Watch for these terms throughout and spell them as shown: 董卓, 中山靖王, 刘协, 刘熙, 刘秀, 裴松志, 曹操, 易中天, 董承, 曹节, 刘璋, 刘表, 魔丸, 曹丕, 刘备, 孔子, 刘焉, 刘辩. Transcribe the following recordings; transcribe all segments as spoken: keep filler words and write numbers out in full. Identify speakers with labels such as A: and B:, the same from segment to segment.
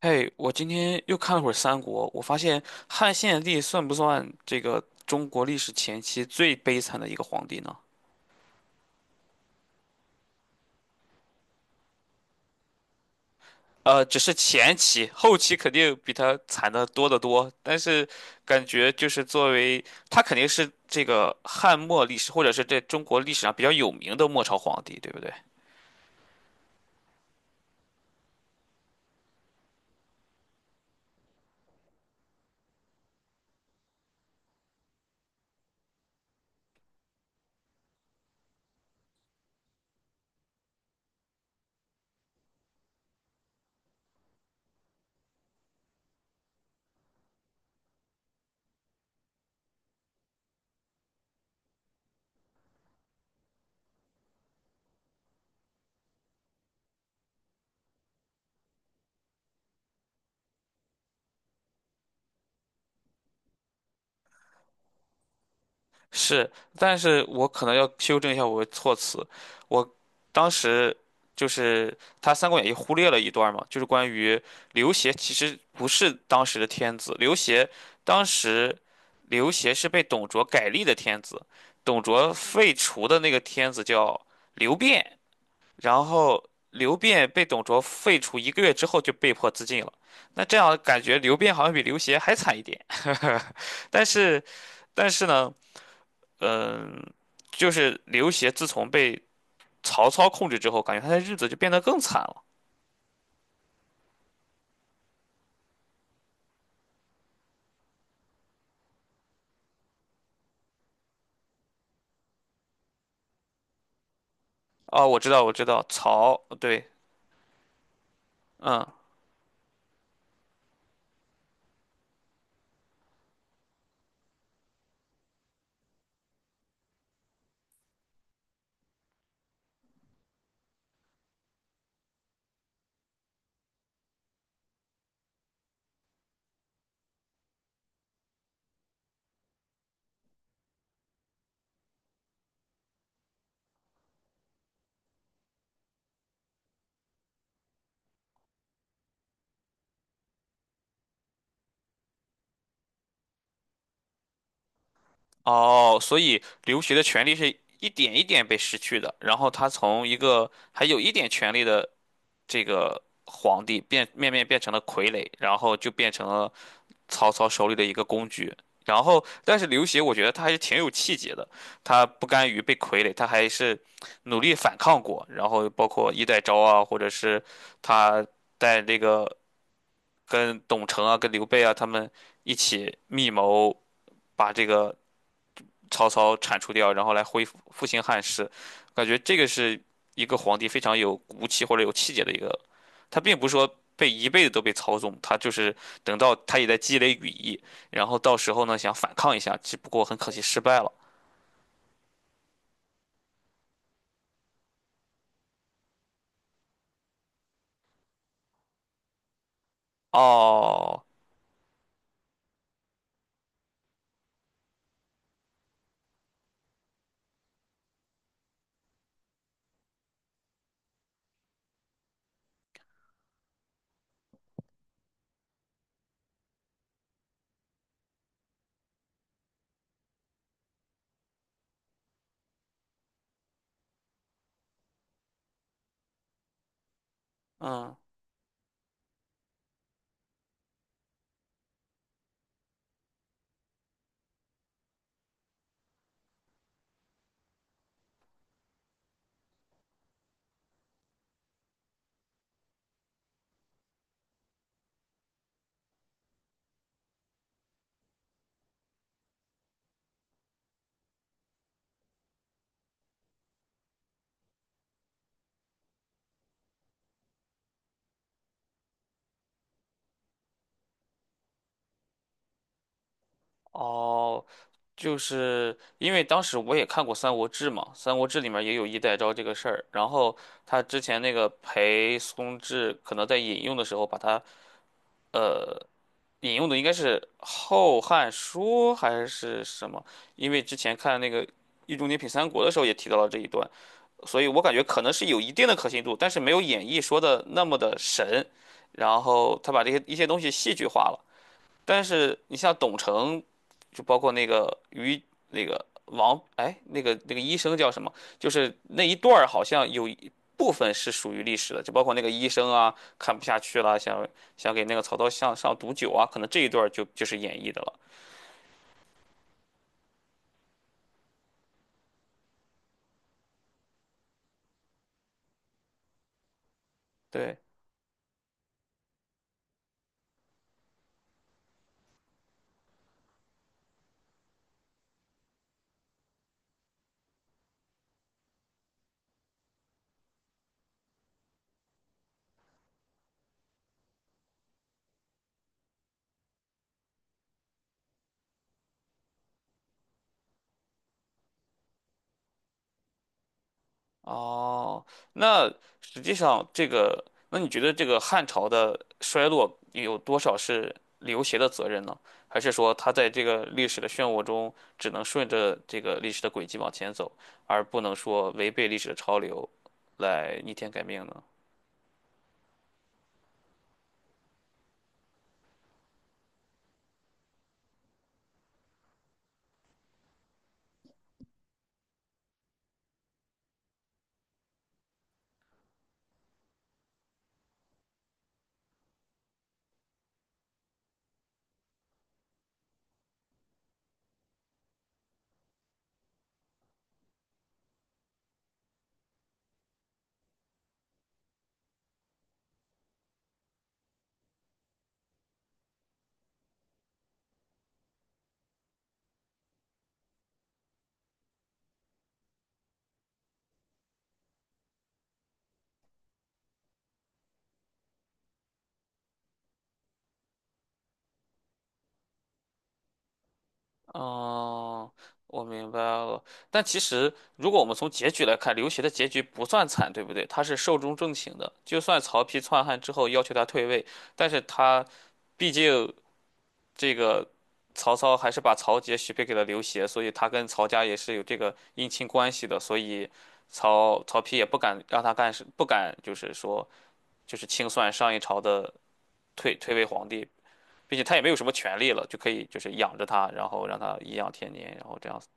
A: 嘿，我今天又看了会儿《三国》，我发现汉献帝算不算这个中国历史前期最悲惨的一个皇帝呢？呃，只是前期，后期肯定比他惨的多得多。但是感觉就是作为他肯定是这个汉末历史，或者是在中国历史上比较有名的末朝皇帝，对不对？是，但是我可能要修正一下我的措辞。我当时就是他《三国演义》忽略了一段嘛，就是关于刘协其实不是当时的天子，刘协当时刘协是被董卓改立的天子，董卓废除的那个天子叫刘辩，然后刘辩被董卓废除一个月之后就被迫自尽了。那这样感觉刘辩好像比刘协还惨一点，但是但是呢？嗯，就是刘协自从被曹操控制之后，感觉他的日子就变得更惨了。哦，我知道，我知道，曹，对，嗯。哦，所以刘协的权利是一点一点被失去的，然后他从一个还有一点权利的这个皇帝变面面变成了傀儡，然后就变成了曹操手里的一个工具。然后，但是刘协我觉得他还是挺有气节的，他不甘于被傀儡，他还是努力反抗过。然后包括衣带诏啊，或者是他在这个跟董承啊、跟刘备啊他们一起密谋，把这个。曹操铲除掉，然后来恢复复兴汉室。感觉这个是一个皇帝非常有骨气或者有气节的一个，他并不是说被一辈子都被操纵，他就是等到他也在积累羽翼，然后到时候呢想反抗一下，只不过很可惜失败了。哦，嗯，哦，就是因为当时我也看过《三国志》嘛，《三国志》里面也有衣带诏这个事儿，然后他之前那个裴松志可能在引用的时候把他呃引用的应该是《后汉书》还是什么？因为之前看那个《易中天品三国》的时候也提到了这一段，所以我感觉可能是有一定的可信度，但是没有演义说的那么的神。然后他把这些一些东西戏剧化了。但是你像董承，就包括那个于那个王，哎，那个那个医生叫什么？就是那一段儿好像有一部分是属于历史的，就包括那个医生啊，看不下去了，想想给那个曹操向上毒酒啊，可能这一段儿就就是演绎的了。对，哦，那实际上这个，那你觉得这个汉朝的衰落有多少是刘协的责任呢？还是说他在这个历史的漩涡中，只能顺着这个历史的轨迹往前走，而不能说违背历史的潮流来逆天改命呢？哦，我明白了。但其实，如果我们从结局来看，刘协的结局不算惨，对不对？他是寿终正寝的。就算曹丕篡汉之后要求他退位，但是他毕竟这个曹操还是把曹节许配给了刘协，所以他跟曹家也是有这个姻亲关系的，所以曹曹丕也不敢让他干事，不敢就是说就是清算上一朝的退退位皇帝，并且他也没有什么权利了，就可以就是养着他，然后让他颐养天年，然后这样子。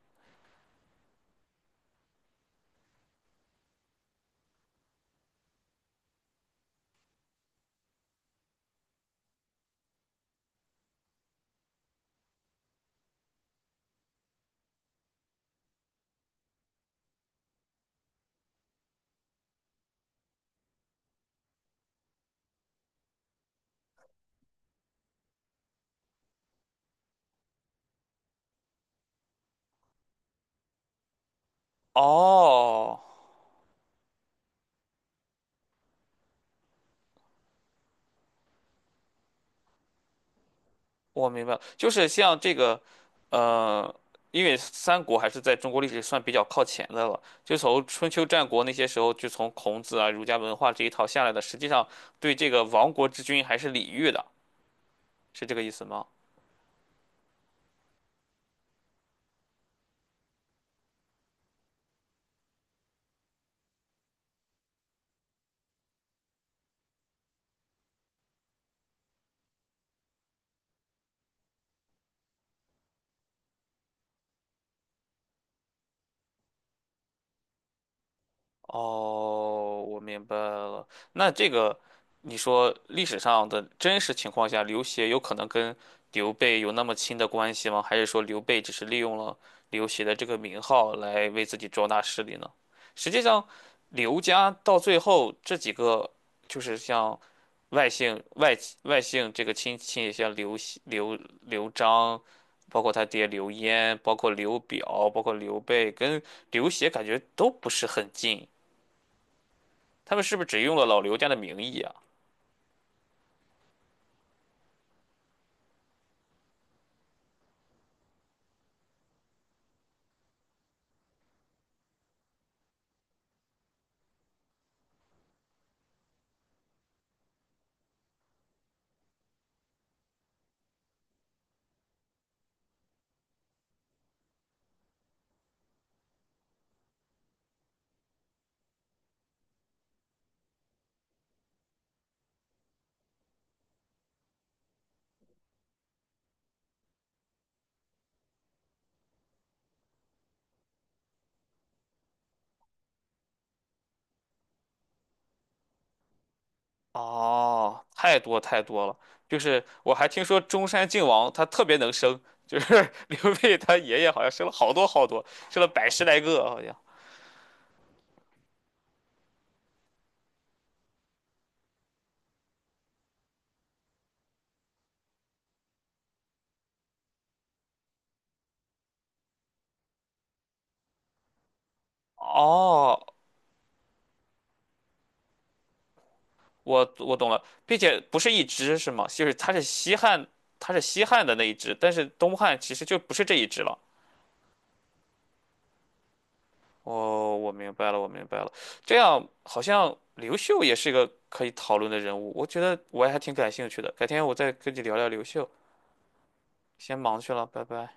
A: 哦，我明白了，就是像这个，呃，三国还是在中国历史算比较靠前的了。就从春秋战国那些时候，就从孔子啊、儒家文化这一套下来的，实际上对这个亡国之君还是礼遇的，是这个意思吗？哦，我明白了。那这个，你说历史上的真实情况下，刘协有可能跟刘备有那么亲的关系吗？还是说刘备只是利用了刘协的这个名号来为自己壮大势力呢？实际上，刘家到最后这几个，就是像外姓外外姓这个亲戚，像刘熙刘刘璋，包括他爹刘焉，包括刘表，包括刘备，跟刘协感觉都不是很近。他们是不是只用了老刘家的名义啊？哦，太多太多了。就是我还听说中山靖王他特别能生，就是 刘备他爷爷好像生了好多好多，生了百十来个好像。哦我我懂了，并且不是一只是吗？就是它是西汉，它是西汉的那一只，但是东汉其实就不是这一只了。哦，我明白了，我明白了。这样好像刘秀也是一个可以讨论的人物，我觉得我也还挺感兴趣的。改天我再跟你聊聊刘秀，先忙去了，拜拜。